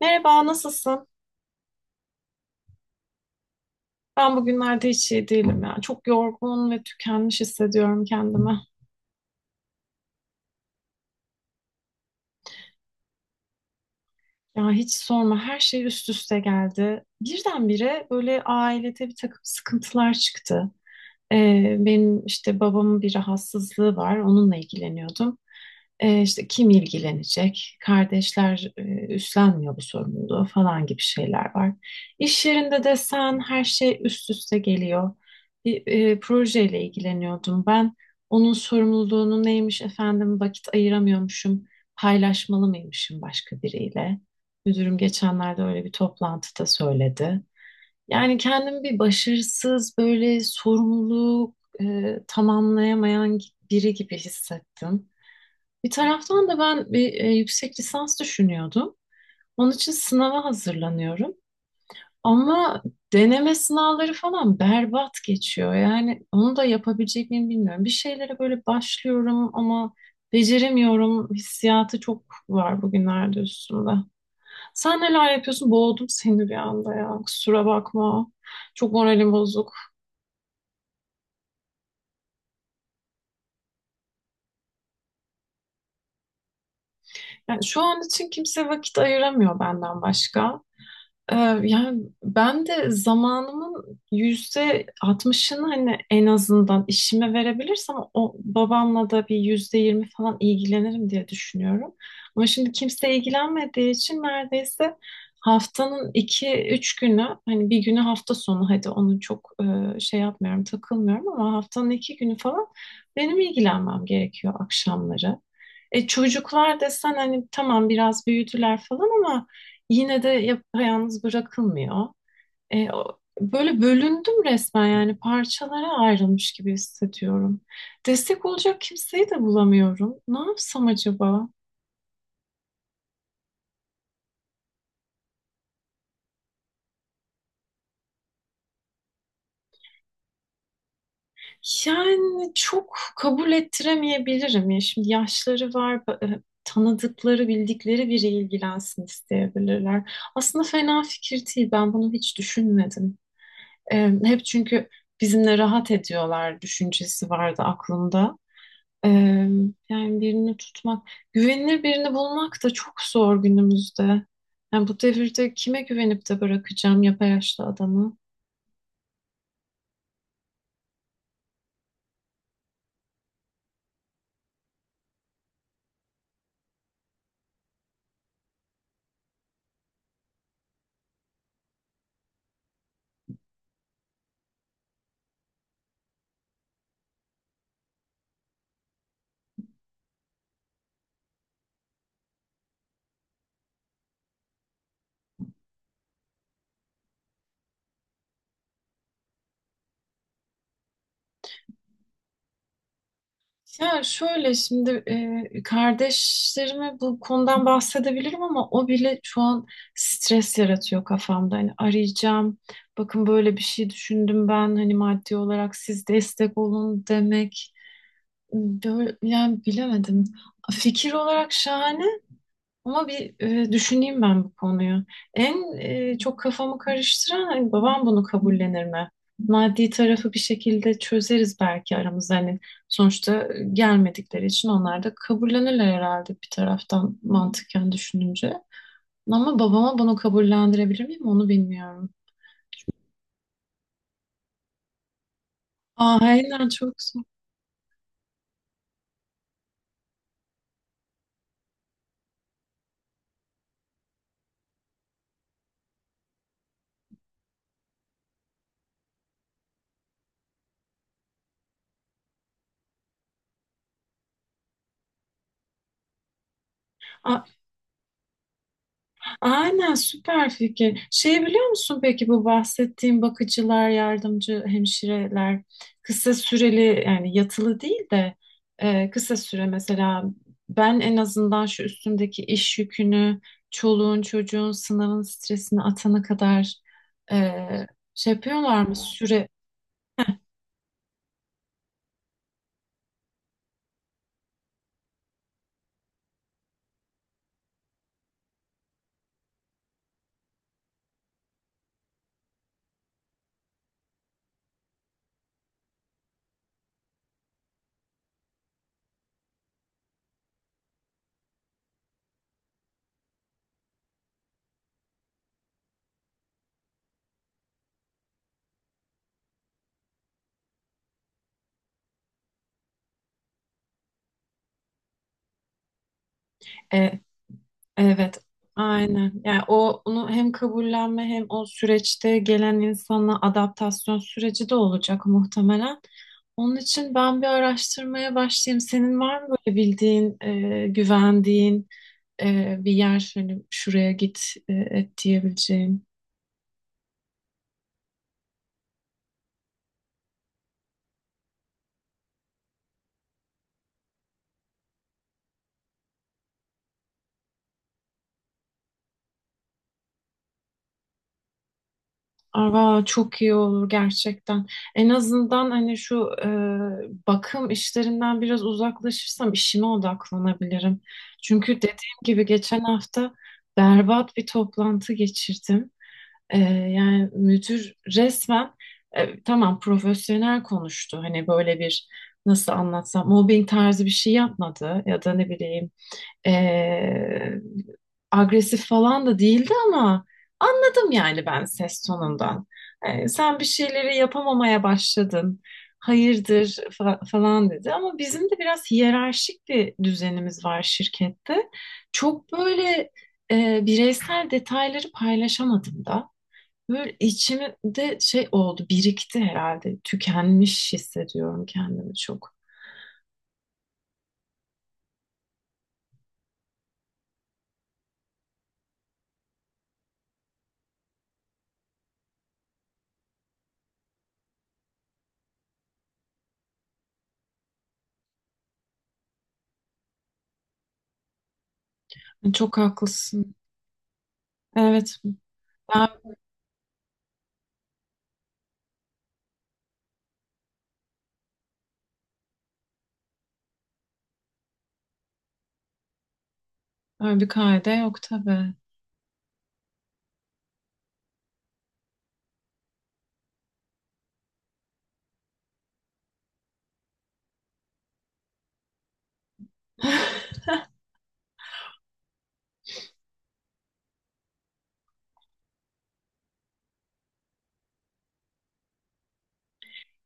Merhaba, nasılsın? Ben bugünlerde hiç iyi değilim ya. Çok yorgun ve tükenmiş hissediyorum kendimi. Ya hiç sorma, her şey üst üste geldi. Birdenbire böyle ailede bir takım sıkıntılar çıktı. Benim işte babamın bir rahatsızlığı var. Onunla ilgileniyordum. İşte kim ilgilenecek? Kardeşler üstlenmiyor bu sorumluluğu falan gibi şeyler var. İş yerinde de sen her şey üst üste geliyor. Bir projeyle ilgileniyordum ben. Onun sorumluluğunu neymiş efendim vakit ayıramıyormuşum. Paylaşmalı mıymışım başka biriyle? Müdürüm geçenlerde öyle bir toplantıda söyledi. Yani kendimi bir başarısız, böyle sorumluluk tamamlayamayan biri gibi hissettim. Bir taraftan da ben bir yüksek lisans düşünüyordum. Onun için sınava hazırlanıyorum. Ama deneme sınavları falan berbat geçiyor. Yani onu da yapabilecek miyim bilmiyorum. Bir şeylere böyle başlıyorum ama beceremiyorum. Hissiyatı çok var bugünlerde üstümde. Sen neler yapıyorsun? Boğdum seni bir anda ya. Kusura bakma. Çok moralim bozuk. Yani şu an için kimse vakit ayıramıyor benden başka. Ee, Yani ben de zamanımın %60'ını hani en azından işime verebilirsem o babamla da bir %20 falan ilgilenirim diye düşünüyorum. Ama şimdi kimse ilgilenmediği için neredeyse haftanın iki üç günü hani bir günü hafta sonu hadi onu çok şey yapmıyorum takılmıyorum ama haftanın iki günü falan benim ilgilenmem gerekiyor akşamları. Çocuklar desen hani tamam biraz büyüdüler falan ama yine de yapayalnız bırakılmıyor. Böyle bölündüm resmen yani parçalara ayrılmış gibi hissediyorum. Destek olacak kimseyi de bulamıyorum. Ne yapsam acaba? Yani çok kabul ettiremeyebilirim ya. Şimdi yaşları var, tanıdıkları, bildikleri biri ilgilensin isteyebilirler. Aslında fena fikir değil. Ben bunu hiç düşünmedim. E, Hep çünkü bizimle rahat ediyorlar düşüncesi vardı aklımda. Ee, Yani birini tutmak, güvenilir birini bulmak da çok zor günümüzde. Yani bu devirde kime güvenip de bırakacağım yaşlı adamı? Ya şöyle şimdi kardeşlerime bu konudan bahsedebilirim ama o bile şu an stres yaratıyor kafamda. Hani arayacağım, bakın böyle bir şey düşündüm ben hani maddi olarak siz destek olun demek. Böyle, yani bilemedim. Fikir olarak şahane. Ama bir düşüneyim ben bu konuyu. En çok kafamı karıştıran hani babam bunu kabullenir mi? Maddi tarafı bir şekilde çözeriz belki aramızda. Hani sonuçta gelmedikleri için onlar da kabullenirler herhalde bir taraftan mantıken düşününce. Ama babama bunu kabullendirebilir miyim onu bilmiyorum. Aa, aynen çok zor. Aa, aynen süper fikir. Şey biliyor musun peki bu bahsettiğim bakıcılar, yardımcı hemşireler kısa süreli yani yatılı değil de kısa süre mesela ben en azından şu üstümdeki iş yükünü, çoluğun çocuğun sınavın stresini atana kadar e, şey yapıyorlar mı süre e, evet, aynen. Yani o onu hem kabullenme hem o süreçte gelen insanla adaptasyon süreci de olacak muhtemelen. Onun için ben bir araştırmaya başlayayım. Senin var mı böyle bildiğin, güvendiğin bir yer, hani şuraya git et diyebileceğin? Aa, çok iyi olur gerçekten. En azından hani şu bakım işlerinden biraz uzaklaşırsam işime odaklanabilirim. Çünkü dediğim gibi geçen hafta berbat bir toplantı geçirdim. Yani müdür resmen tamam profesyonel konuştu. Hani böyle bir nasıl anlatsam mobbing tarzı bir şey yapmadı ya da ne bileyim ee, agresif falan da değildi ama anladım yani ben ses tonundan. Sen bir şeyleri yapamamaya başladın. Hayırdır falan dedi ama bizim de biraz hiyerarşik bir düzenimiz var şirkette. Çok böyle bireysel detayları paylaşamadım da. Böyle içimde şey oldu, birikti herhalde. Tükenmiş hissediyorum kendimi çok. Çok haklısın. Evet, ben öyle bir kaide yok tabii.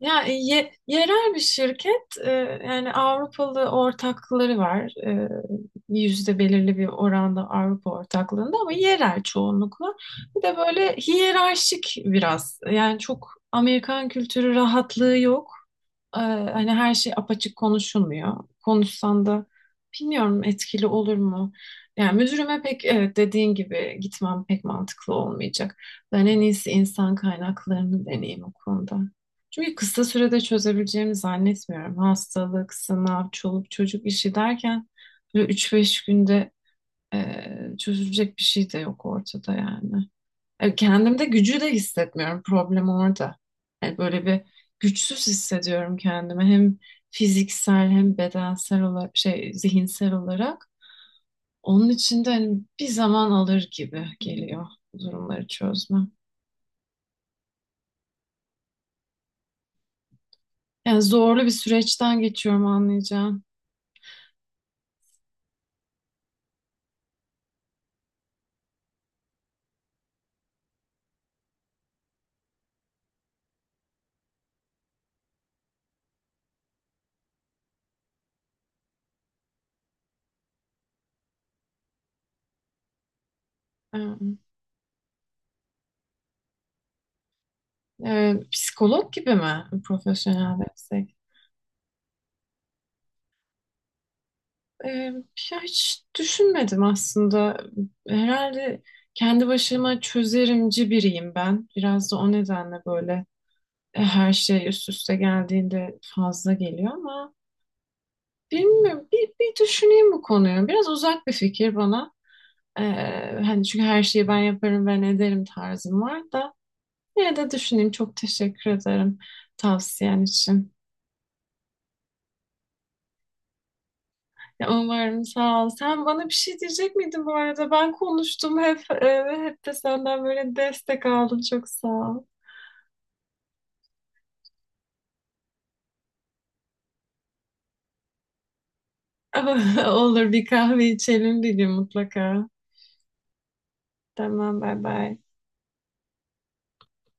Ya yerel bir şirket yani Avrupalı ortakları var. Yüzde belirli bir oranda Avrupa ortaklığında ama yerel çoğunlukla. Bir de böyle hiyerarşik biraz. Yani çok Amerikan kültürü rahatlığı yok. Hani her şey apaçık konuşulmuyor. Konuşsan da bilmiyorum etkili olur mu? Yani müdürüme pek evet dediğin gibi gitmem pek mantıklı olmayacak. Ben en iyisi insan kaynaklarını deneyeyim o konuda. Çünkü kısa sürede çözebileceğimi zannetmiyorum. Hastalık, sınav, çoluk çocuk işi derken böyle üç beş günde çözülecek bir şey de yok ortada yani. Kendimde gücü de hissetmiyorum. Problem orada. Yani böyle bir güçsüz hissediyorum kendimi. Hem fiziksel hem bedensel olarak şey zihinsel olarak. Onun için de hani bir zaman alır gibi geliyor bu durumları çözmem. Yani zorlu bir süreçten geçiyorum anlayacağım. Psikolog gibi mi profesyonel destek? Ee, Ya hiç düşünmedim aslında. Herhalde kendi başıma çözerimci biriyim ben. Biraz da o nedenle böyle her şey üst üste geldiğinde fazla geliyor ama bilmiyorum. Bir düşüneyim bu konuyu. Biraz uzak bir fikir bana. Ee, Hani çünkü her şeyi ben yaparım, ben ederim tarzım var da. Yine de düşüneyim. Çok teşekkür ederim tavsiyen için. Ya umarım, sağ ol. Sen bana bir şey diyecek miydin bu arada? Ben konuştum hep ve hep de senden böyle destek aldım. Çok sağ ol. Olur, bir kahve içelim bir gün mutlaka. Tamam, bay bay.